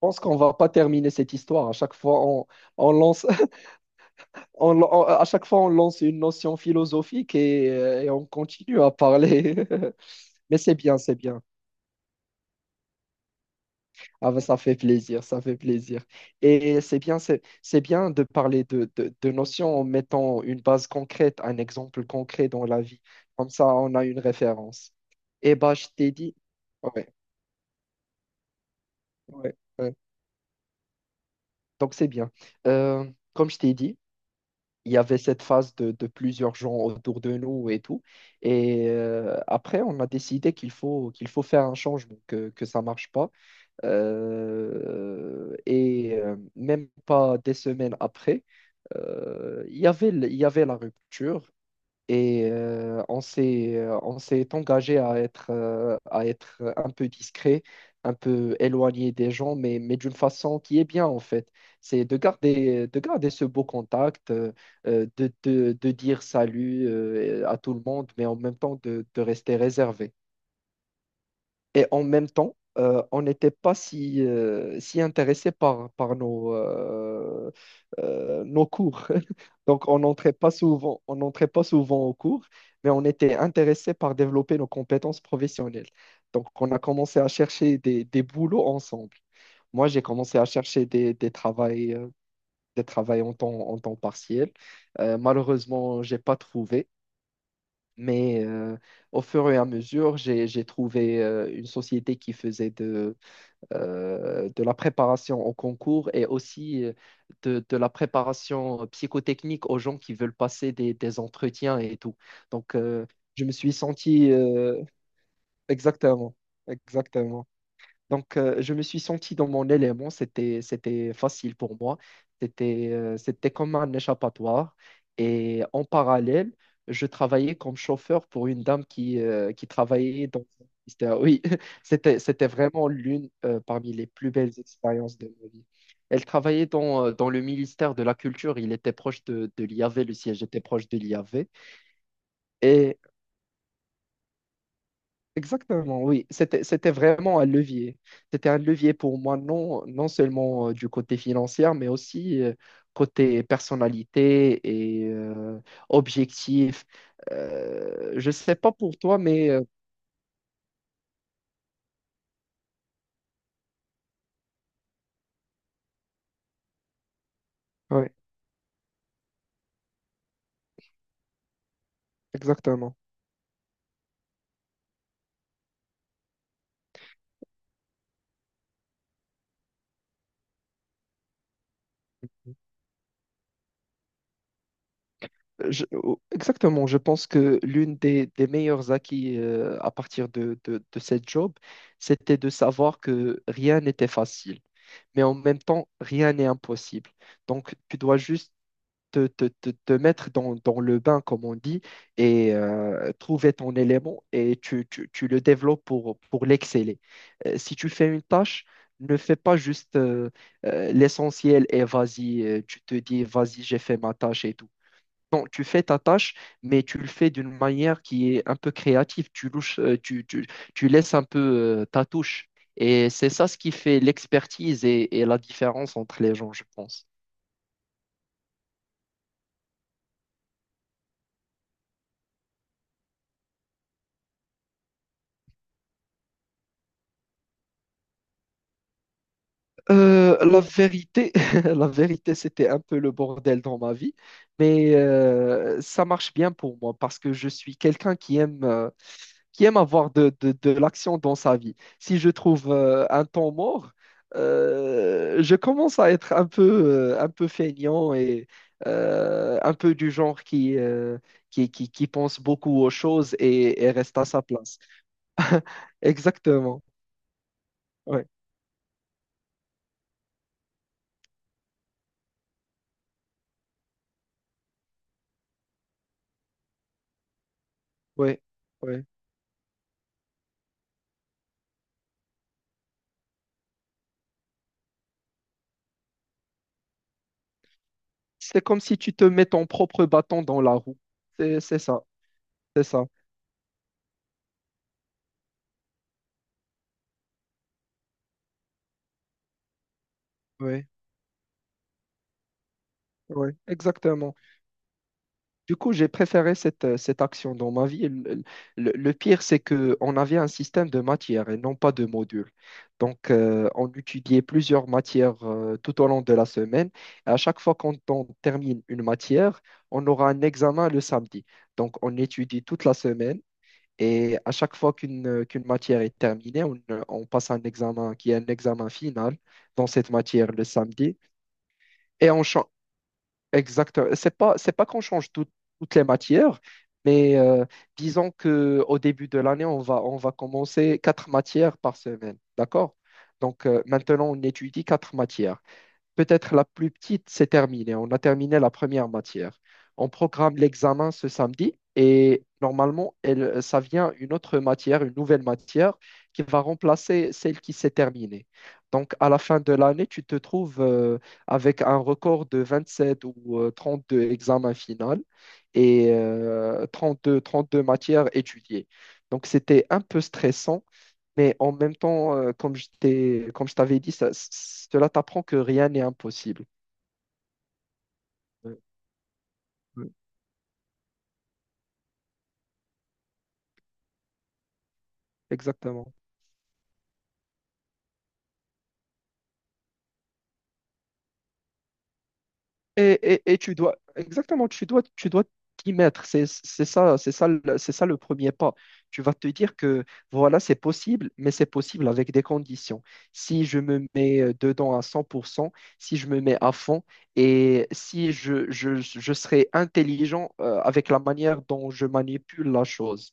Je pense qu'on va pas terminer cette histoire. À chaque fois, on lance, à chaque fois, on lance une notion philosophique et on continue à parler. Mais c'est bien, c'est bien. Ah ben, ça fait plaisir, ça fait plaisir. Et c'est bien, c'est bien de parler de notions en mettant une base concrète, un exemple concret dans la vie. Comme ça, on a une référence. Et bah, je t'ai dit, ouais, ouais, ouais. Donc c'est bien. Euh, comme je t'ai dit. Il y avait cette phase de plusieurs gens autour de nous et tout. Et après, on a décidé qu'il faut faire un changement, que ça ne marche pas. Et même pas des semaines après, il y avait la rupture. Et on s'est engagé à être un peu discret, un peu éloigné des gens, mais d'une façon qui est bien en fait. C'est de garder ce beau contact, de dire salut à tout le monde, mais en même temps de rester réservé. Et en même temps, on n'était pas si intéressé par nos cours. Donc, on n'entrait pas souvent aux cours, mais on était intéressé par développer nos compétences professionnelles. Donc, on a commencé à chercher des boulots ensemble. Moi, j'ai commencé à chercher des travails en temps partiel. Malheureusement, je n'ai pas trouvé, mais au fur et à mesure, j'ai trouvé une société qui faisait de la préparation au concours et aussi de la préparation psychotechnique aux gens qui veulent passer des entretiens et tout. Donc, je me suis senti exactement, exactement. Donc, je me suis senti dans mon élément, c'était facile pour moi, c'était comme un échappatoire. Et en parallèle, je travaillais comme chauffeur pour une dame qui travaillait dans. Oui, c'était vraiment l'une parmi les plus belles expériences de ma vie. Elle travaillait dans le ministère de la Culture, il était proche de l'IAV, le siège était proche de l'IAV. Exactement, oui. C'était vraiment un levier. C'était un levier pour moi, non, non seulement du côté financier, mais aussi côté personnalité et objectif. Je ne sais pas pour toi, mais ouais, exactement. Oh, exactement, je pense que l'une des meilleurs acquis à partir de cette job, c'était de savoir que rien n'était facile mais en même temps, rien n'est impossible. Donc, tu dois juste te mettre dans le bain, comme on dit, et trouver ton élément et tu le développes pour l'exceller. Si tu fais une tâche, ne fais pas juste l'essentiel et vas-y, tu te dis, vas-y, j'ai fait ma tâche et tout. Non, tu fais ta tâche, mais tu le fais d'une manière qui est un peu créative. Tu louches, tu laisses un peu ta touche. Et c'est ça ce qui fait l'expertise et la différence entre les gens, je pense. La vérité, la vérité, c'était un peu le bordel dans ma vie, mais ça marche bien pour moi parce que je suis quelqu'un qui aime avoir de l'action dans sa vie. Si je trouve un temps mort, je commence à être un peu feignant et un peu du genre qui pense beaucoup aux choses et reste à sa place. Exactement. Ouais, ouais, ouais. C'est comme si tu te mets ton propre bâton dans la roue. C'est ça, c'est ça. Oui, oui, exactement. Du coup, j'ai préféré cette action dans ma vie. Le pire, c'est qu'on avait un système de matières et non pas de modules. Donc, on étudiait plusieurs matières tout au long de la semaine. Et à chaque fois qu'on on termine une matière, on aura un examen le samedi. Donc, on étudie toute la semaine. Et à chaque fois qu'une matière est terminée, on passe un examen qui est un examen final dans cette matière le samedi. Et on change. Exactement. C'est pas qu'on change toutes les matières, mais disons qu'au début de l'année, on va commencer quatre matières par semaine. D'accord? Donc maintenant, on étudie quatre matières. Peut-être la plus petite, c'est terminé. On a terminé la première matière. On programme l'examen ce samedi et normalement, ça vient une autre matière, une nouvelle matière qui va remplacer celle qui s'est terminée. Donc, à la fin de l'année, tu te trouves avec un record de 27 ou 32 examens finaux et 32, 32 matières étudiées. Donc, c'était un peu stressant mais en même temps, comme je t'ai, comme je t'avais dit, cela t'apprend que rien n'est impossible. Ouais, ouais. Exactement. Et tu dois, exactement, tu dois t'y mettre. C'est ça, c'est ça, c'est ça le premier pas. Tu vas te dire que voilà, c'est possible, mais c'est possible avec des conditions. Si je me mets dedans à 100%, si je me mets à fond et si je serai intelligent avec la manière dont je manipule la chose.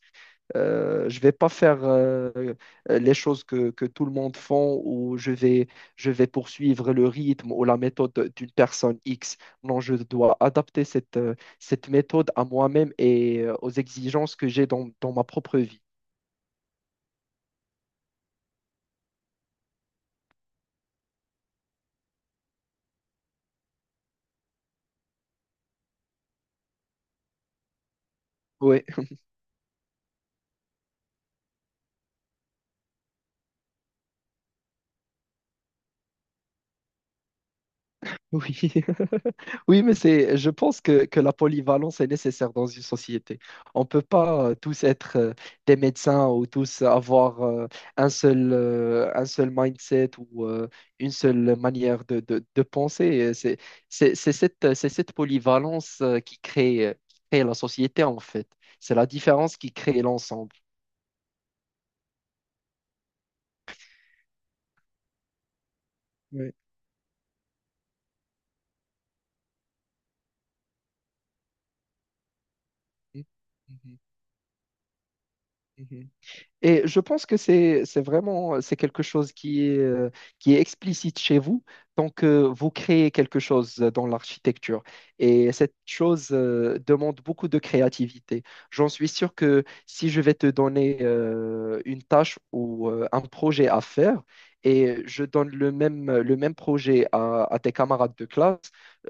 Je vais pas faire les choses que tout le monde font ou je vais, poursuivre le rythme ou la méthode d'une personne X. Non, je dois adapter cette méthode à moi-même et aux exigences que j'ai dans ma propre vie. Oui. Oui, oui, mais c'est, je pense que la polyvalence est nécessaire dans une société. On ne peut pas tous être des médecins ou tous avoir un seul mindset ou une seule manière de penser. Et c'est cette polyvalence qui crée la société, en fait. C'est la différence qui crée l'ensemble. Oui. Mhm, mhm, mhm. Et je pense que c'est quelque chose qui est explicite chez vous tant que vous créez quelque chose dans l'architecture. Et cette chose demande beaucoup de créativité. J'en suis sûr que si je vais te donner une tâche ou un projet à faire et je donne le même projet à tes camarades de classe,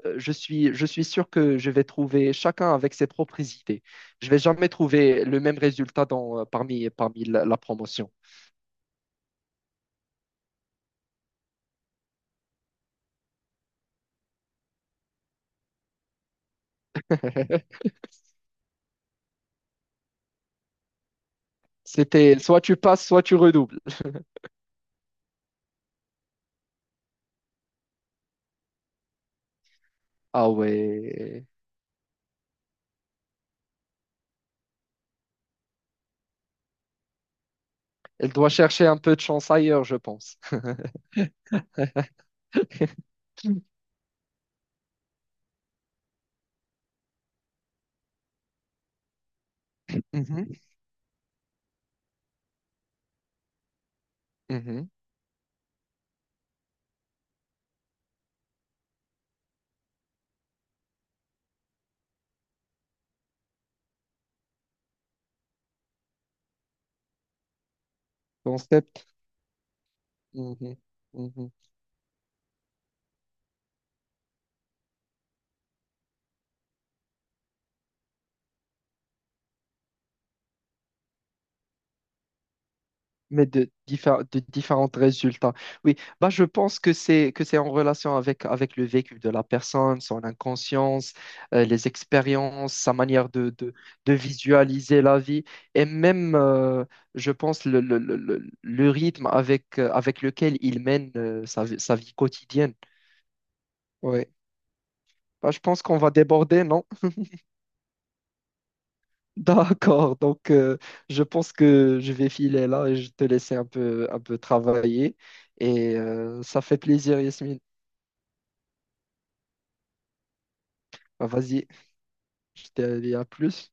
je suis sûr que je vais trouver chacun avec ses propres idées. Je vais jamais trouver le même résultat parmi la promotion. C'était soit tu passes, soit tu redoubles. Ah ouais. Elle doit chercher un peu de chance ailleurs, je pense. Mhm, mhm. Concept. Mhm, mhm. Mais de différents résultats. Oui, bah, je pense que c'est en relation avec le vécu de la personne, son inconscience, les expériences, sa manière de visualiser la vie et même, je pense, le rythme avec lequel il mène sa vie quotidienne. Oui, bah, je pense qu'on va déborder, non? D'accord, donc je pense que je vais filer là et je te laisser un peu travailler. Et ça fait plaisir, Yasmine. Bah, vas-y, je te dis à plus.